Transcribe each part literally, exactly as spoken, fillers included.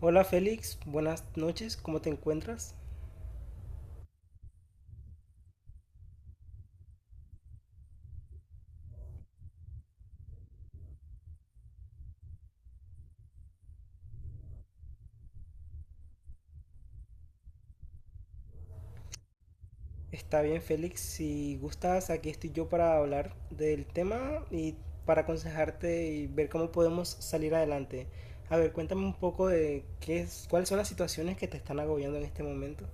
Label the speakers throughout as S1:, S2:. S1: Hola Félix, buenas noches, ¿cómo te encuentras? Está bien Félix, si gustas, aquí estoy yo para hablar del tema y para aconsejarte y ver cómo podemos salir adelante. A ver, cuéntame un poco de qué es, cuáles son las situaciones que te están agobiando en este momento.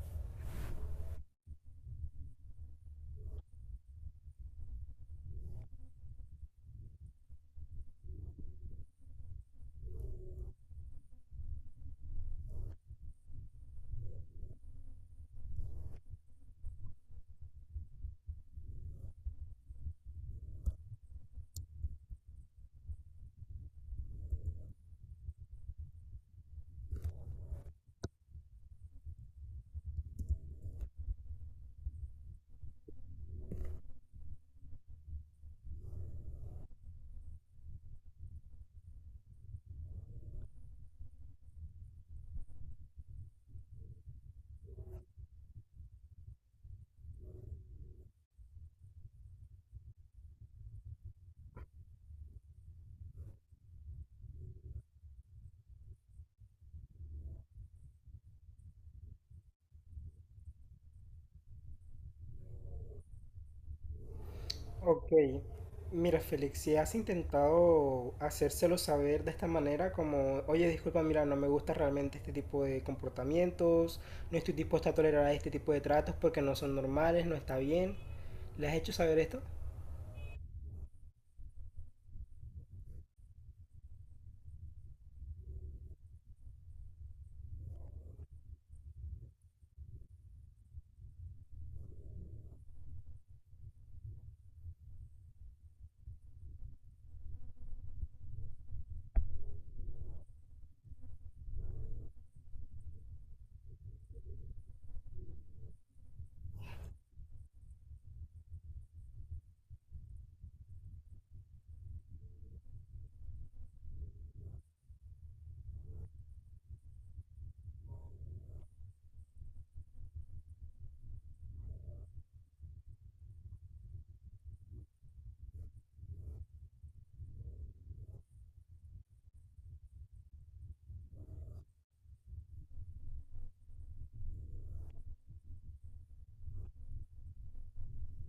S1: Ok, mira Félix, si has intentado hacérselo saber de esta manera, como, oye, disculpa, mira, no me gusta realmente este tipo de comportamientos, no estoy dispuesto a tolerar este tipo de tratos porque no son normales, no está bien, ¿le has hecho saber esto?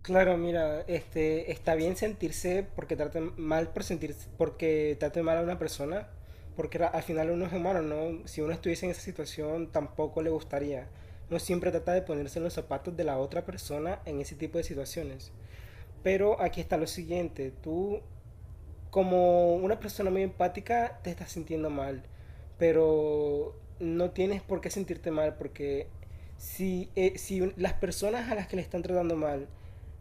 S1: Claro, mira, este, está bien sentirse porque traten mal por sentirse, porque traten mal a una persona, porque ra- al final uno es humano, ¿no? Si uno estuviese en esa situación, tampoco le gustaría. Uno siempre trata de ponerse en los zapatos de la otra persona en ese tipo de situaciones. Pero aquí está lo siguiente, tú como una persona muy empática te estás sintiendo mal, pero no tienes por qué sentirte mal porque si, eh, si las personas a las que le están tratando mal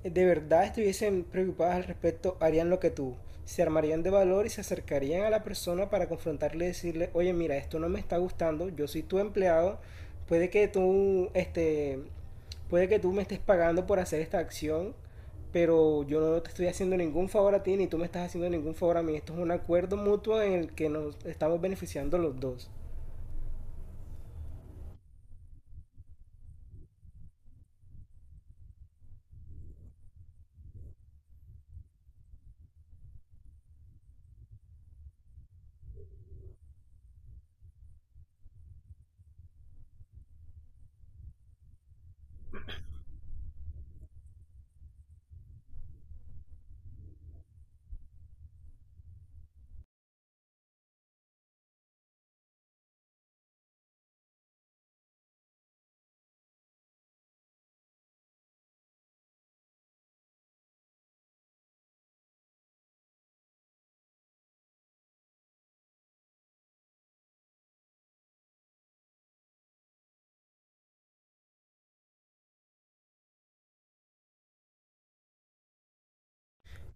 S1: eh, de verdad estuviesen preocupadas al respecto, harían lo que tú. Se armarían de valor y se acercarían a la persona para confrontarle y decirle, oye, mira, esto no me está gustando, yo soy tu empleado, puede que tú este, puede que tú me estés pagando por hacer esta acción, pero yo no te estoy haciendo ningún favor a ti ni tú me estás haciendo ningún favor a mí. Esto es un acuerdo mutuo en el que nos estamos beneficiando los dos.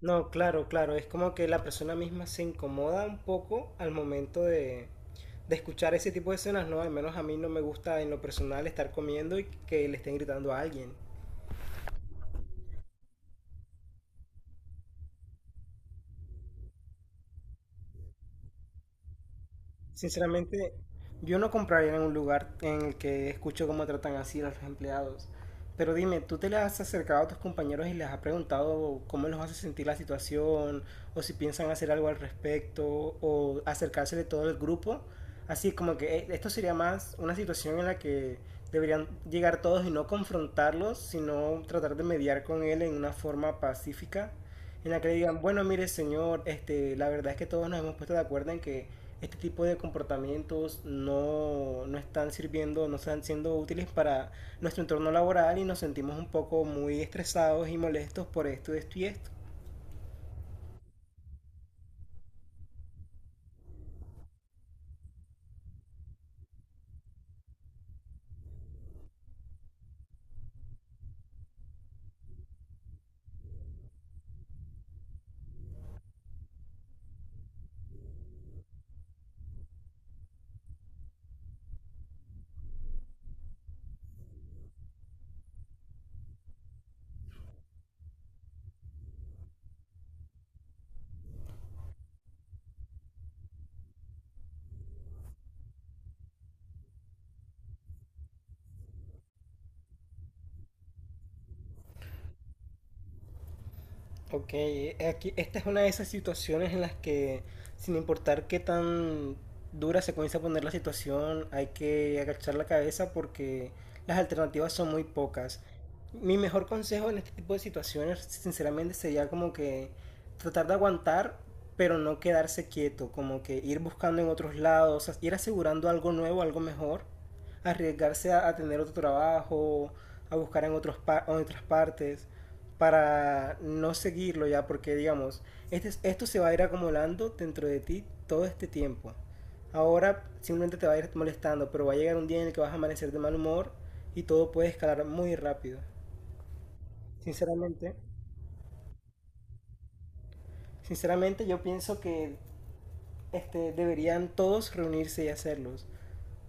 S1: No, claro, claro, es como que la persona misma se incomoda un poco al momento de, de escuchar ese tipo de escenas, ¿no? Al menos a mí no me gusta en lo personal estar comiendo y que le estén gritando a alguien. Sinceramente, yo no compraría en un lugar en el que escucho cómo tratan así a los empleados. Pero dime, ¿tú te le has acercado a tus compañeros y les has preguntado cómo los hace sentir la situación? ¿O si piensan hacer algo al respecto? ¿O acercarse de todo el grupo? Así como que eh, esto sería más una situación en la que deberían llegar todos y no confrontarlos, sino tratar de mediar con él en una forma pacífica en la que le digan, bueno, mire señor, este, la verdad es que todos nos hemos puesto de acuerdo en que este tipo de comportamientos no, no están sirviendo, no están siendo útiles para nuestro entorno laboral y nos sentimos un poco muy estresados y molestos por esto, esto y esto. Ok, aquí, esta es una de esas situaciones en las que, sin importar qué tan dura se comienza a poner la situación, hay que agachar la cabeza porque las alternativas son muy pocas. Mi mejor consejo en este tipo de situaciones, sinceramente, sería como que tratar de aguantar, pero no quedarse quieto, como que ir buscando en otros lados, as- ir asegurando algo nuevo, algo mejor, arriesgarse a, a tener otro trabajo, a buscar en otros pa- en otras partes para no seguirlo ya, porque digamos, este, esto se va a ir acumulando dentro de ti todo este tiempo. Ahora simplemente te va a ir molestando, pero va a llegar un día en el que vas a amanecer de mal humor y todo puede escalar muy rápido. Sinceramente, sinceramente yo pienso que este, deberían todos reunirse y hacerlos.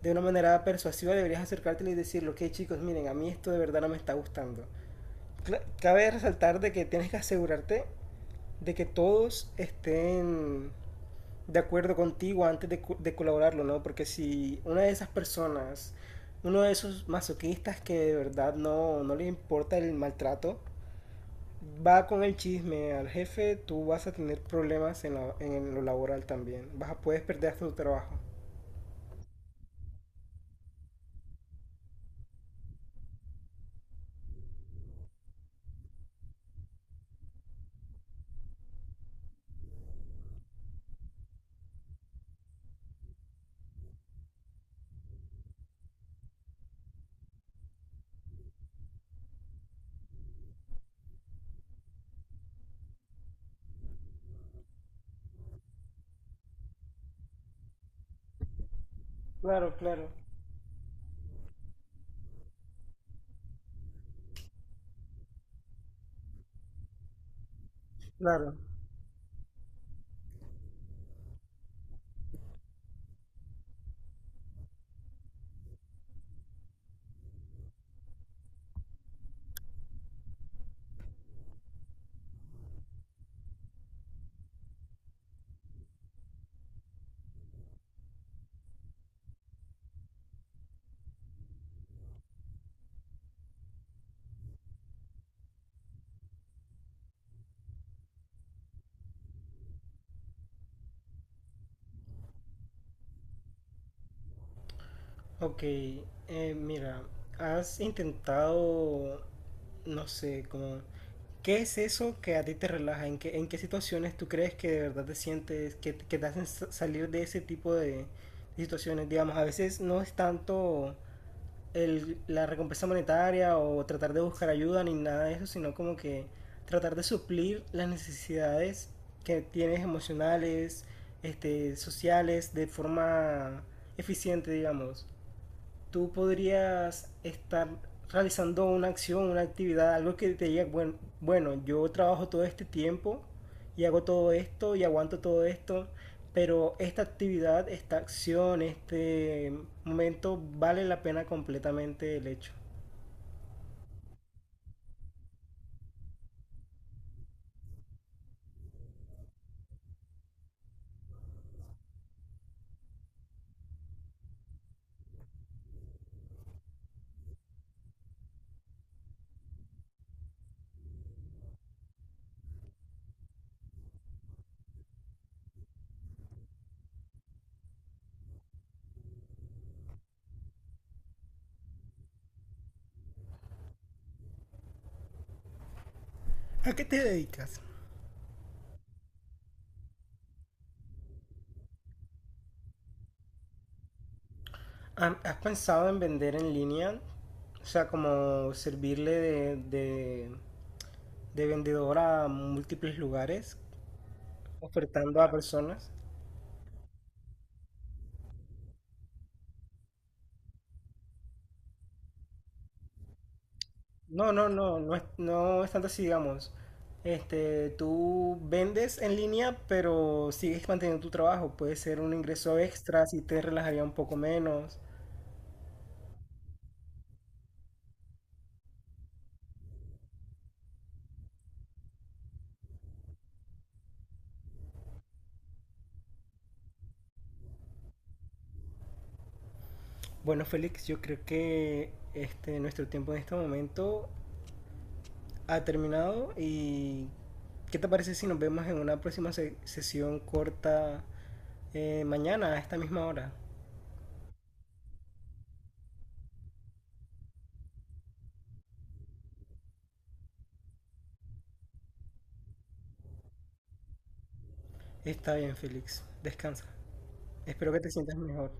S1: De una manera persuasiva deberías acercártelo y decirlo, que chicos, miren, a mí esto de verdad no me está gustando. Cabe resaltar de que tienes que asegurarte de que todos estén de acuerdo contigo antes de, co- de colaborarlo, ¿no? Porque si una de esas personas, uno de esos masoquistas que de verdad no, no le importa el maltrato, va con el chisme al jefe, tú vas a tener problemas en, la- en lo laboral también. Vas a, puedes perder hasta tu trabajo. Claro, claro. Claro. Ok, eh, mira, has intentado, no sé, como, ¿qué es eso que a ti te relaja? ¿En qué, en qué situaciones tú crees que de verdad te sientes, que, te- que te hacen sa- salir de ese tipo de situaciones? Digamos, a veces no es tanto el, la recompensa monetaria o tratar de buscar ayuda ni nada de eso, sino como que tratar de suplir las necesidades que tienes emocionales, este, sociales, de forma eficiente, digamos tú podrías estar realizando una acción, una actividad, algo que te diga, bueno, bueno, yo trabajo todo este tiempo y hago todo esto y aguanto todo esto, pero esta actividad, esta acción, este momento vale la pena completamente el hecho. ¿A qué te dedicas? ¿Has pensado en vender en línea? O sea, como servirle de, de, de vendedor a múltiples lugares, ofertando a personas. No, no, no, no es, no es tanto así, digamos. Este, tú vendes en línea, pero sigues manteniendo tu trabajo. Puede ser un ingreso extra si te relajaría un poco menos. Bueno, Félix, yo creo que este, nuestro tiempo en este momento ha terminado y ¿qué te parece si nos vemos en una próxima se- sesión corta eh, mañana a esta misma hora? Está bien, Félix, descansa. Espero que te sientas mejor.